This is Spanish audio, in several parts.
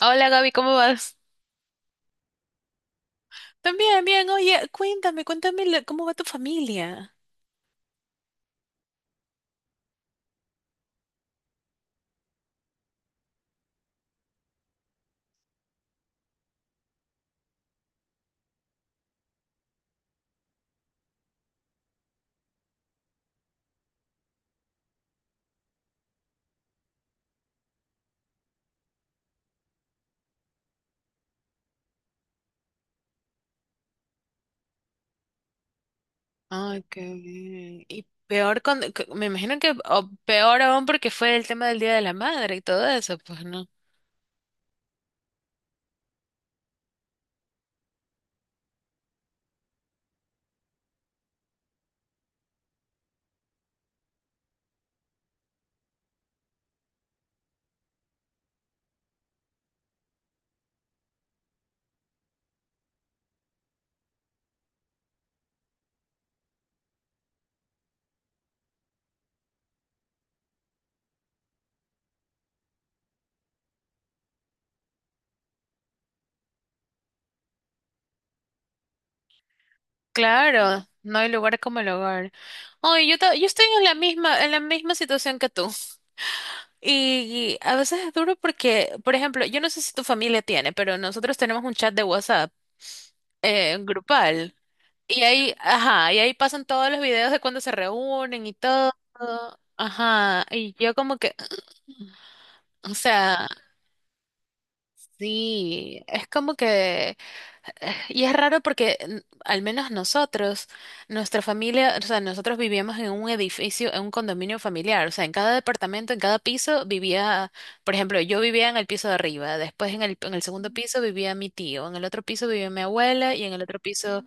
Hola Gaby, ¿cómo vas? También, bien. Oye, cuéntame cómo va tu familia. Ay, qué bien. Y peor me imagino que o peor aún porque fue el tema del Día de la Madre y todo eso, pues no. Claro, no hay lugar como el hogar. Oye, yo estoy en la misma situación que tú. Y a veces es duro porque, por ejemplo, yo no sé si tu familia tiene, pero nosotros tenemos un chat de WhatsApp grupal. Y ahí, ajá, y ahí pasan todos los videos de cuando se reúnen y todo. Ajá, y yo como que, o sea, sí, es como que. Es raro porque al menos nosotros, nuestra familia, o sea, nosotros vivíamos en un edificio, en un condominio familiar, o sea, en cada departamento, en cada piso vivía, por ejemplo, yo vivía en el piso de arriba, después en el segundo piso vivía mi tío, en el otro piso vivía mi abuela y en el otro piso,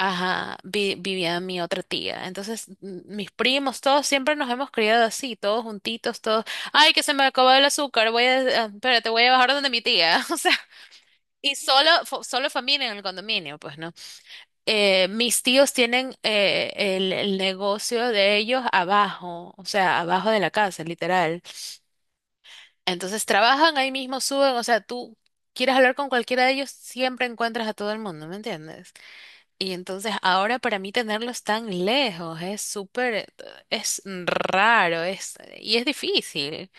ajá, vivía mi otra tía. Entonces, mis primos, todos siempre nos hemos criado así, todos juntitos, todos. Ay, que se me acabó el azúcar, espérate, voy a bajar donde mi tía. O sea, y solo, solo familia en el condominio, pues, ¿no? Mis tíos tienen el negocio de ellos abajo, o sea, abajo de la casa, literal. Entonces, trabajan ahí mismo, suben, o sea, tú quieres hablar con cualquiera de ellos, siempre encuentras a todo el mundo, ¿me entiendes? Y entonces ahora para mí tenerlos tan lejos es es raro, y es difícil,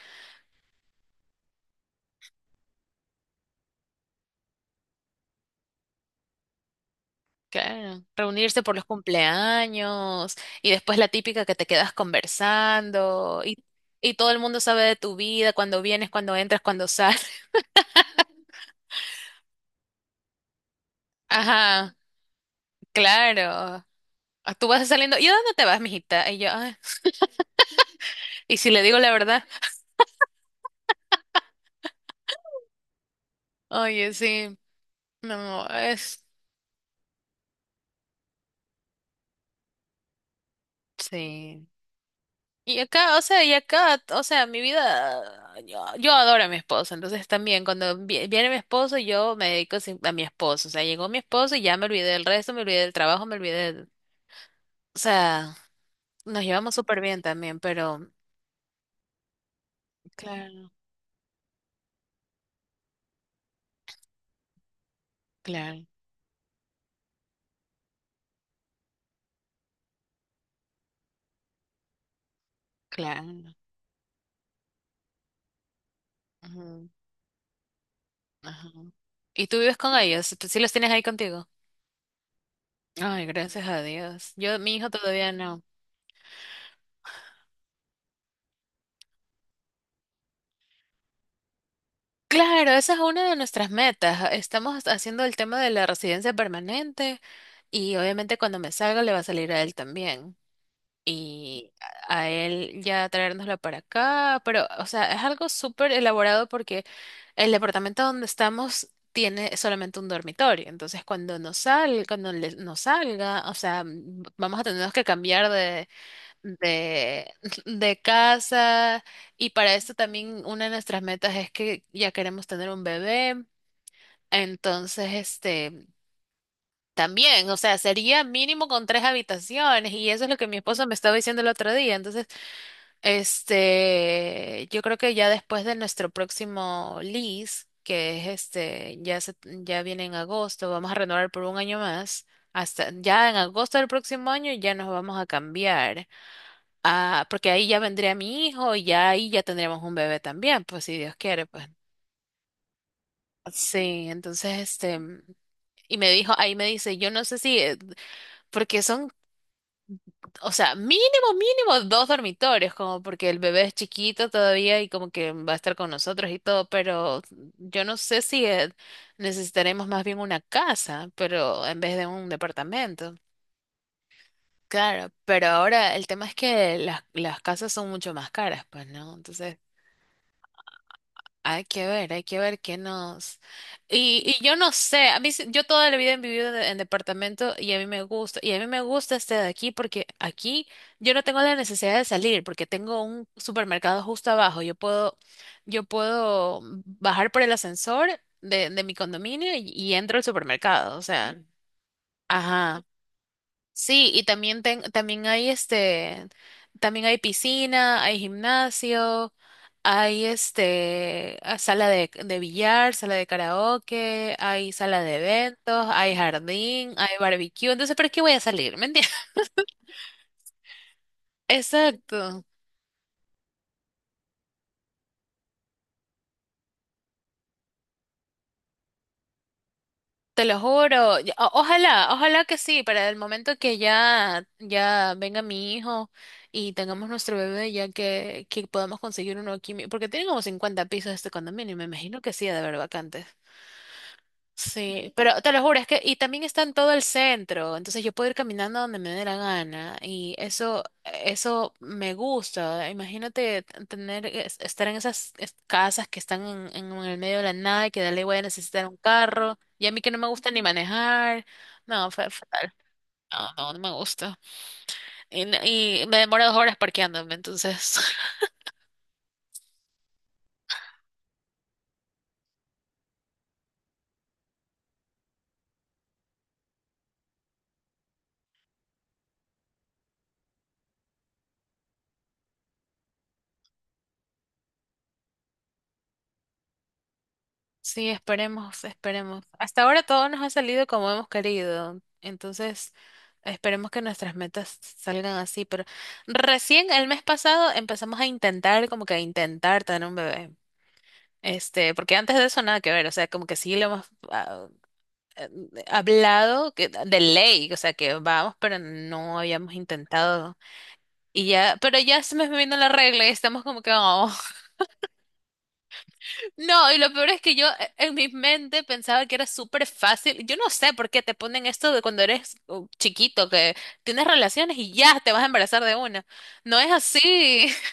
claro. Reunirse por los cumpleaños y después la típica que te quedas conversando y todo el mundo sabe de tu vida, cuando vienes, cuando entras, cuando sales. Ajá, claro. Ah, tú vas saliendo, ¿y a dónde te vas, mijita? Y yo, "Ay". Y si le digo la verdad, oye, sí, no es, sí. Y acá, o sea, mi vida, yo adoro a mi esposo, entonces también cuando viene mi esposo, yo me dedico a mi esposo, o sea, llegó mi esposo y ya me olvidé del resto, me olvidé del trabajo, me olvidé, del- o sea, nos llevamos súper bien también, pero... Claro, claro, claro. Ujú, ajá. ¿Y tú vives con ellos? ¿Tú ¿Sí los tienes ahí contigo? Ay, gracias a Dios. Yo, mi hijo todavía no. Claro, esa es una de nuestras metas. Estamos haciendo el tema de la residencia permanente y obviamente cuando me salga le va a salir a él también. Y a él ya traérnoslo para acá, pero o sea, es algo súper elaborado porque el departamento donde estamos tiene solamente un dormitorio. Entonces, cuando nos salga, o sea, vamos a tener que cambiar de, de casa y para esto también una de nuestras metas es que ya queremos tener un bebé, entonces este también, o sea, sería mínimo con 3 habitaciones y eso es lo que mi esposo me estaba diciendo el otro día, entonces este yo creo que ya después de nuestro próximo lease, que es este ya viene en agosto, vamos a renovar por un año más. Hasta ya en agosto del próximo año ya nos vamos a cambiar. Ah, porque ahí ya vendría mi hijo y ya ahí ya tendríamos un bebé también, pues si Dios quiere, pues. Sí, entonces este, y me dijo, ahí me dice, yo no sé si, porque son, o sea, mínimo 2 dormitorios, como porque el bebé es chiquito todavía y como que va a estar con nosotros y todo, pero yo no sé si necesitaremos más bien una casa, pero en vez de un departamento. Claro, pero ahora el tema es que las casas son mucho más caras, pues, ¿no? Entonces hay que ver, hay que ver qué nos... Y yo no sé, yo toda la vida he vivido en departamento y a mí me gusta, y a mí me gusta este de aquí porque aquí yo no tengo la necesidad de salir porque tengo un supermercado justo abajo, yo puedo bajar por el ascensor de mi condominio y entro al supermercado, o sea, ajá. Sí, y también también hay este, también hay piscina, hay gimnasio, hay este sala de billar, sala de karaoke, hay sala de eventos, hay jardín, hay barbecue. Entonces, ¿para qué voy a salir? ¿Me entiendes? Exacto. Te lo juro. Ojalá, que sí, para el momento que ya, ya venga mi hijo y tengamos nuestro bebé, ya que podamos conseguir uno aquí, mi- porque tiene como 50 pisos este condominio, y me imagino que sí, ha de haber vacantes. Sí, pero te lo juro, es que, y también está en todo el centro, entonces yo puedo ir caminando donde me dé la gana, y eso me gusta. Imagínate tener, estar en esas casas que están en el medio de la nada y que dale voy a necesitar un carro, y a mí que no me gusta ni manejar, no, fue fatal. No, no, no me gusta. Y, n- y me demoro 2 horas parqueándome, entonces. Sí, esperemos, esperemos. Hasta ahora todo nos ha salido como hemos querido. Entonces. Esperemos que nuestras metas salgan así, pero recién el mes pasado empezamos a intentar, como que a intentar tener un bebé. Este, porque antes de eso nada que ver, o sea, como que sí lo hemos eh, hablado que, de ley, o sea, que vamos, pero no habíamos intentado. Y ya, pero ya se me vino la regla y estamos como que, "Oh". No, y lo peor es que yo en mi mente pensaba que era súper fácil. Yo no sé por qué te ponen esto de cuando eres chiquito, que tienes relaciones y ya te vas a embarazar de una. No es así.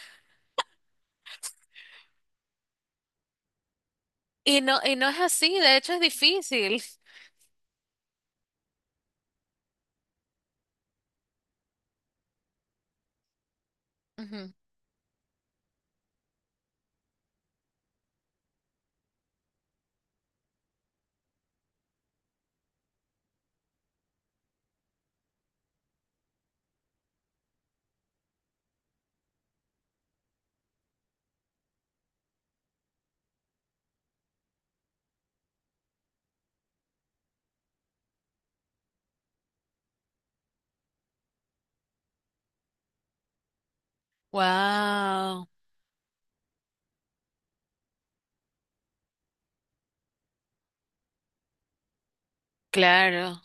Y no es así, de hecho es difícil. Ujú. Wow, claro,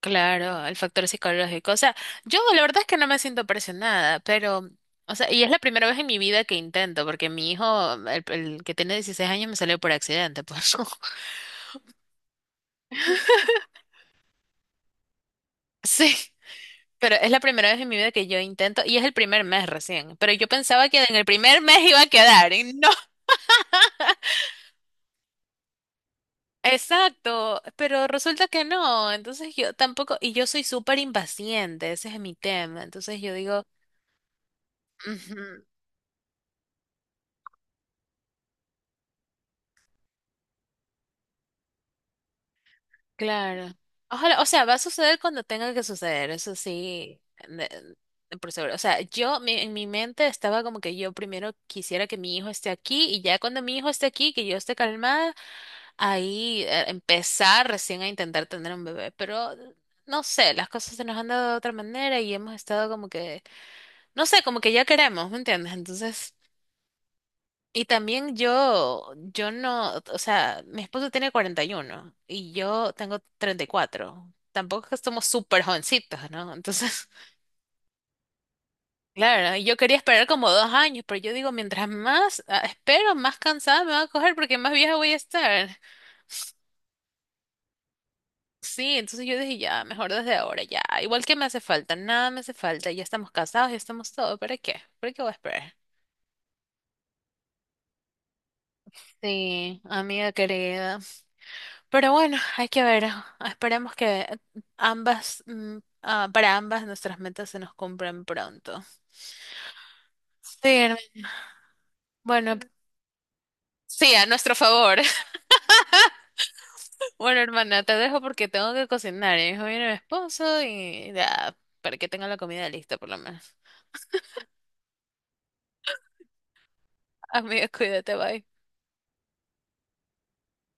claro, el factor psicológico. O sea, yo la verdad es que no me siento presionada, pero, o sea, y es la primera vez en mi vida que intento, porque mi hijo, el que tiene 16 años, me salió por accidente, pues. Sí. Pero es la primera vez en mi vida que yo intento, y es el primer mes recién, pero yo pensaba que en el primer mes iba a quedar, y no. Exacto, pero resulta que no, entonces yo tampoco, y yo soy súper impaciente, ese es mi tema, entonces yo digo, "Ujú". Claro. Ojalá, o sea, va a suceder cuando tenga que suceder, eso sí, de- de por seguro. O sea, yo mi- en mi mente estaba como que yo primero quisiera que mi hijo esté aquí y ya cuando mi hijo esté aquí, que yo esté calmada, ahí empezar recién a intentar tener un bebé. Pero no sé, las cosas se nos han dado de otra manera y hemos estado como que, no sé, como que ya queremos, ¿me entiendes? Entonces... Y también yo no, o sea, mi esposo tiene 41 y yo tengo 34. Tampoco es que somos súper jovencitos, ¿no? Entonces, claro, ¿no? Y yo quería esperar como 2 años, pero yo digo, mientras más espero, más cansada me va a coger porque más vieja voy a estar. Sí, entonces yo dije, ya, mejor desde ahora, ya. Igual que me hace falta, nada me hace falta, ya estamos casados, ya estamos todo, ¿para qué? ¿Para qué voy a esperar? Sí, amiga querida. Pero bueno, hay que ver. Esperemos que ambas, mm, para ambas nuestras metas se nos cumplan pronto. Sí, hermana. Bueno, sí, a nuestro favor. Bueno, hermana, te dejo porque tengo que cocinar. Y mi hijo Viene mi esposo y ya, para que tenga la comida lista por lo menos. Amiga, cuídate, bye.